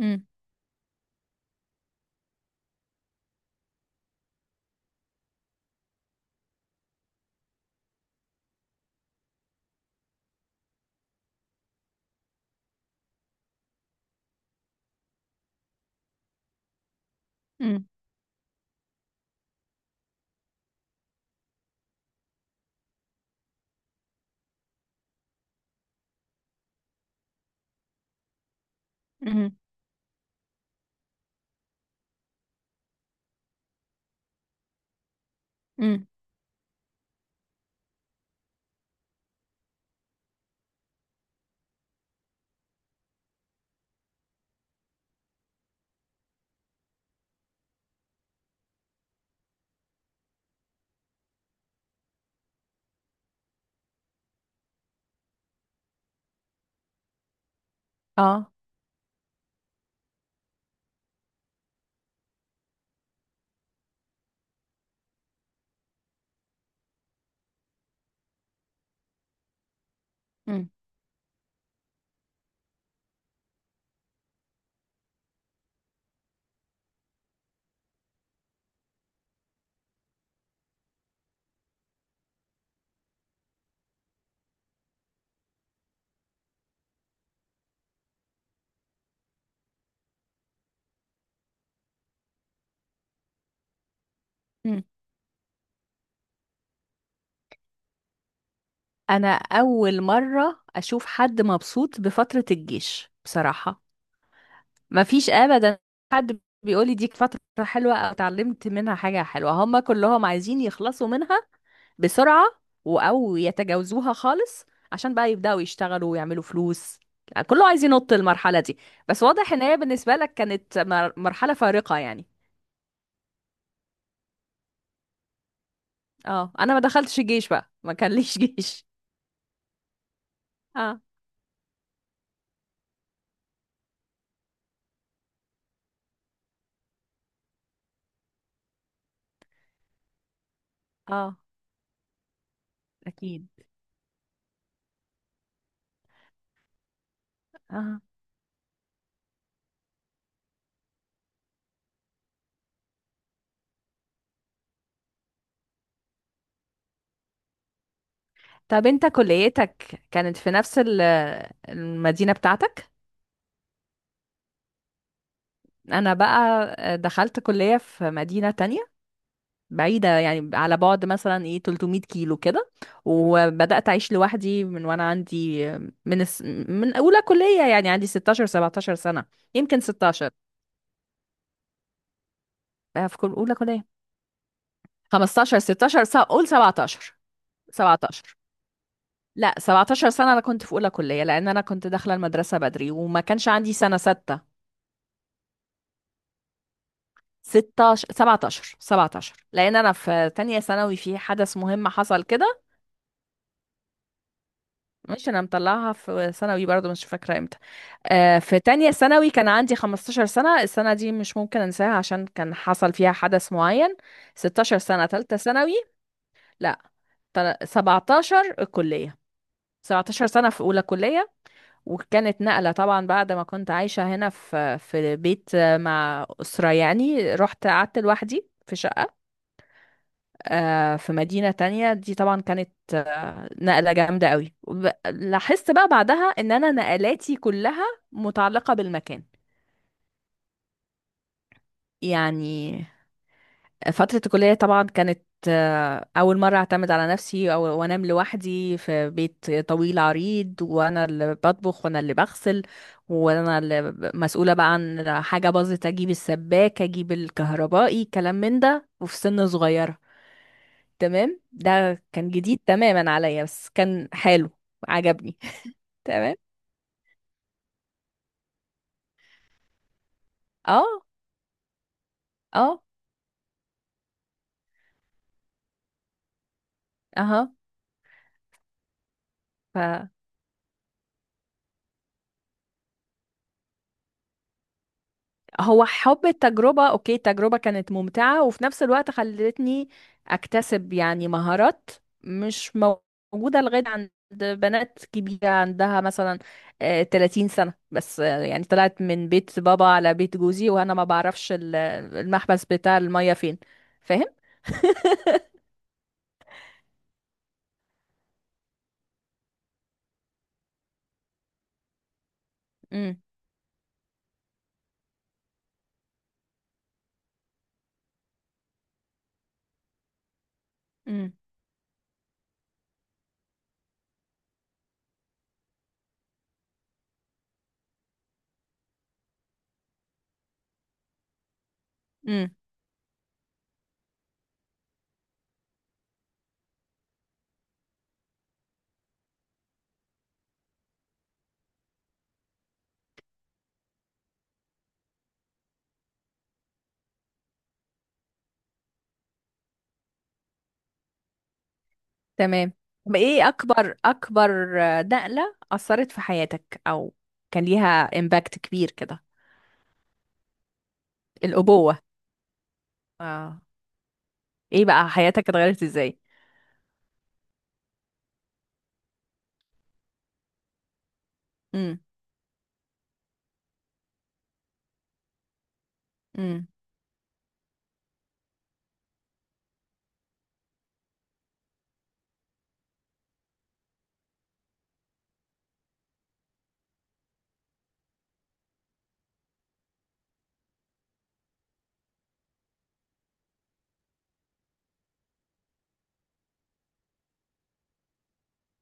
مم. مم. مم. مم. اه. مم. مم. انا اول مره اشوف حد مبسوط بفتره الجيش بصراحه. ما فيش ابدا حد بيقول لي دي فتره حلوه او اتعلمت منها حاجه حلوه، هم كلهم عايزين يخلصوا منها بسرعه او يتجاوزوها خالص عشان بقى يبداوا يشتغلوا ويعملوا فلوس. كله عايز ينط المرحله دي. بس واضح ان هي بالنسبه لك كانت مرحله فارقه يعني. اه، انا ما دخلتش الجيش بقى، ما كان ليش جيش. اه، اه، أكيد. اه. طب أنت كليتك كانت في نفس المدينة بتاعتك؟ أنا بقى دخلت كلية في مدينة تانية بعيدة، يعني على بعد مثلا إيه 300 كيلو كده. وبدأت أعيش لوحدي من وأنا عندي، من الس... من أولى كلية، يعني عندي 16 17 سنة. يمكن 16. في كل أولى كلية. 15 16 سنة، قول 17. 17. لا 17 سنة، أنا كنت في أولى كلية لأن أنا كنت داخلة المدرسة بدري وما كانش عندي سنة ستة. 16 17 17، لان انا في تانية ثانوي في حدث مهم حصل كده. مش انا مطلعها في ثانوي برضو، مش فاكره امتى. آه في تانية ثانوي كان عندي 15 سنه، السنه دي مش ممكن انساها عشان كان حصل فيها حدث معين. 16 سنه تالتة ثانوي. لا، 17 الكليه. 17 سنه في اولى كليه. وكانت نقله طبعا بعد ما كنت عايشه هنا في بيت مع اسره يعني. رحت قعدت لوحدي في شقه في مدينة تانية. دي طبعا كانت نقلة جامدة قوي، لاحظت بقى بعدها ان انا نقلاتي كلها متعلقة بالمكان يعني. فترة الكلية طبعا كانت أول مرة أعتمد على نفسي أو وأنام لوحدي في بيت طويل عريض، وأنا اللي بطبخ وأنا اللي بغسل وأنا اللي مسؤولة بقى عن حاجة باظت، أجيب السباكة أجيب الكهربائي كلام من ده، وفي سن صغيرة. تمام. ده كان جديد تماما عليا، بس كان حلو، عجبني. تمام. اه، اه، اها. ف هو حب التجربة. اوكي التجربة كانت ممتعة، وفي نفس الوقت خلتني اكتسب يعني مهارات مش موجودة لغاية عند بنات كبيرة عندها مثلا 30 سنة. بس يعني طلعت من بيت بابا على بيت جوزي وانا ما بعرفش المحبس بتاع المية فين. فاهم؟ امم. تمام. طب ايه اكبر اكبر نقلة اثرت في حياتك او كان ليها امباكت كبير كده؟ الابوة. اه. ايه بقى حياتك اتغيرت ازاي؟ امم. امم.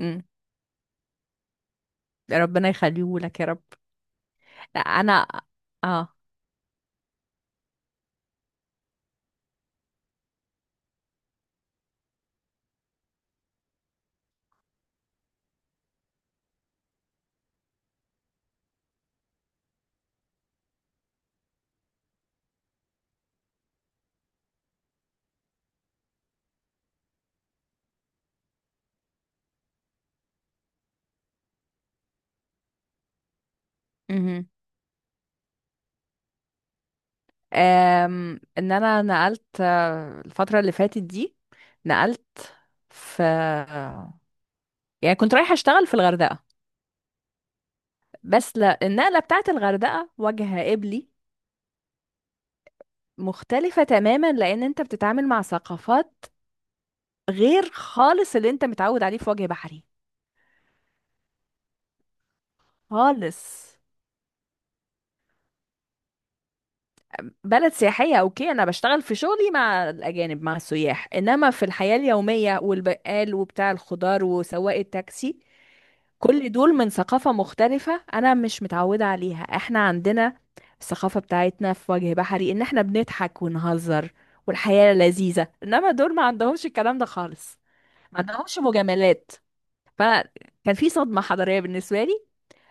امم. ربنا يخليه لك يا رب. لا، انا. اه. امم. ان انا نقلت الفترة اللي فاتت دي. نقلت في، يعني كنت رايحة اشتغل في الغردقة. بس لا، النقلة بتاعت الغردقة وجه قبلي، مختلفة تماما لأن أنت بتتعامل مع ثقافات غير خالص اللي أنت متعود عليه في وجه بحري. خالص. بلد سياحية. أوكي أنا بشتغل في شغلي مع الأجانب مع السياح، إنما في الحياة اليومية والبقال وبتاع الخضار وسواق التاكسي، كل دول من ثقافة مختلفة أنا مش متعودة عليها. إحنا عندنا الثقافة بتاعتنا في وجه بحري، إن إحنا بنضحك ونهزر والحياة لذيذة، إنما دول ما عندهمش الكلام ده خالص، ما عندهمش مجاملات. فكان في صدمة حضارية بالنسبة لي.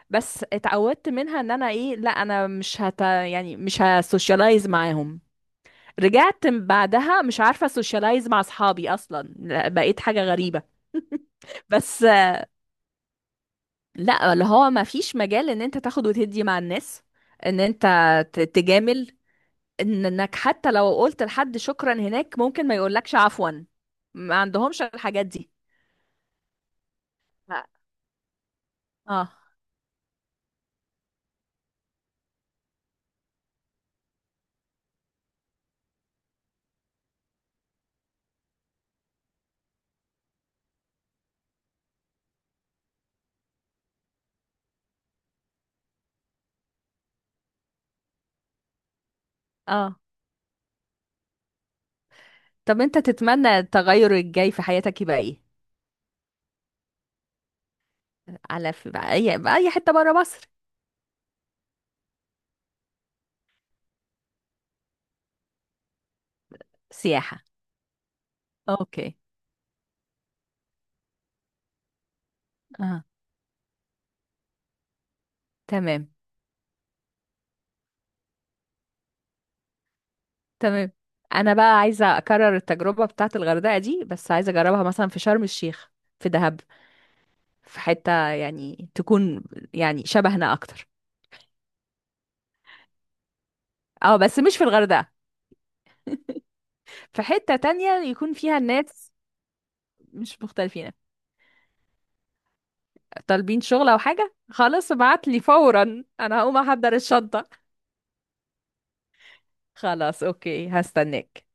بس اتعودت منها ان انا ايه، لا انا مش يعني مش هسوشيالايز معاهم. رجعت بعدها مش عارفة سوشيالايز مع اصحابي اصلا، لا، بقيت حاجة غريبة. بس. لا، اللي هو ما فيش مجال ان انت تاخد وتدي مع الناس، ان انت تجامل، انك حتى لو قلت لحد شكرا هناك ممكن ما يقولكش عفوا. ما عندهمش الحاجات دي. اه. اه. طب انت تتمنى التغير الجاي في حياتك يبقى ايه؟ على في بقى اي بقى اي حته بره مصر. سياحه. اوكي. اه. تمام. تمام. انا بقى عايزه اكرر التجربه بتاعه الغردقه دي، بس عايزه اجربها مثلا في شرم الشيخ، في دهب، في حته يعني تكون يعني شبهنا اكتر. اه بس مش في الغردقه، في حته تانية يكون فيها الناس مش مختلفين. طالبين شغل او حاجه؟ خلاص ابعت لي فورا، انا هقوم احضر الشنطه. خلاص اوكي هستناك.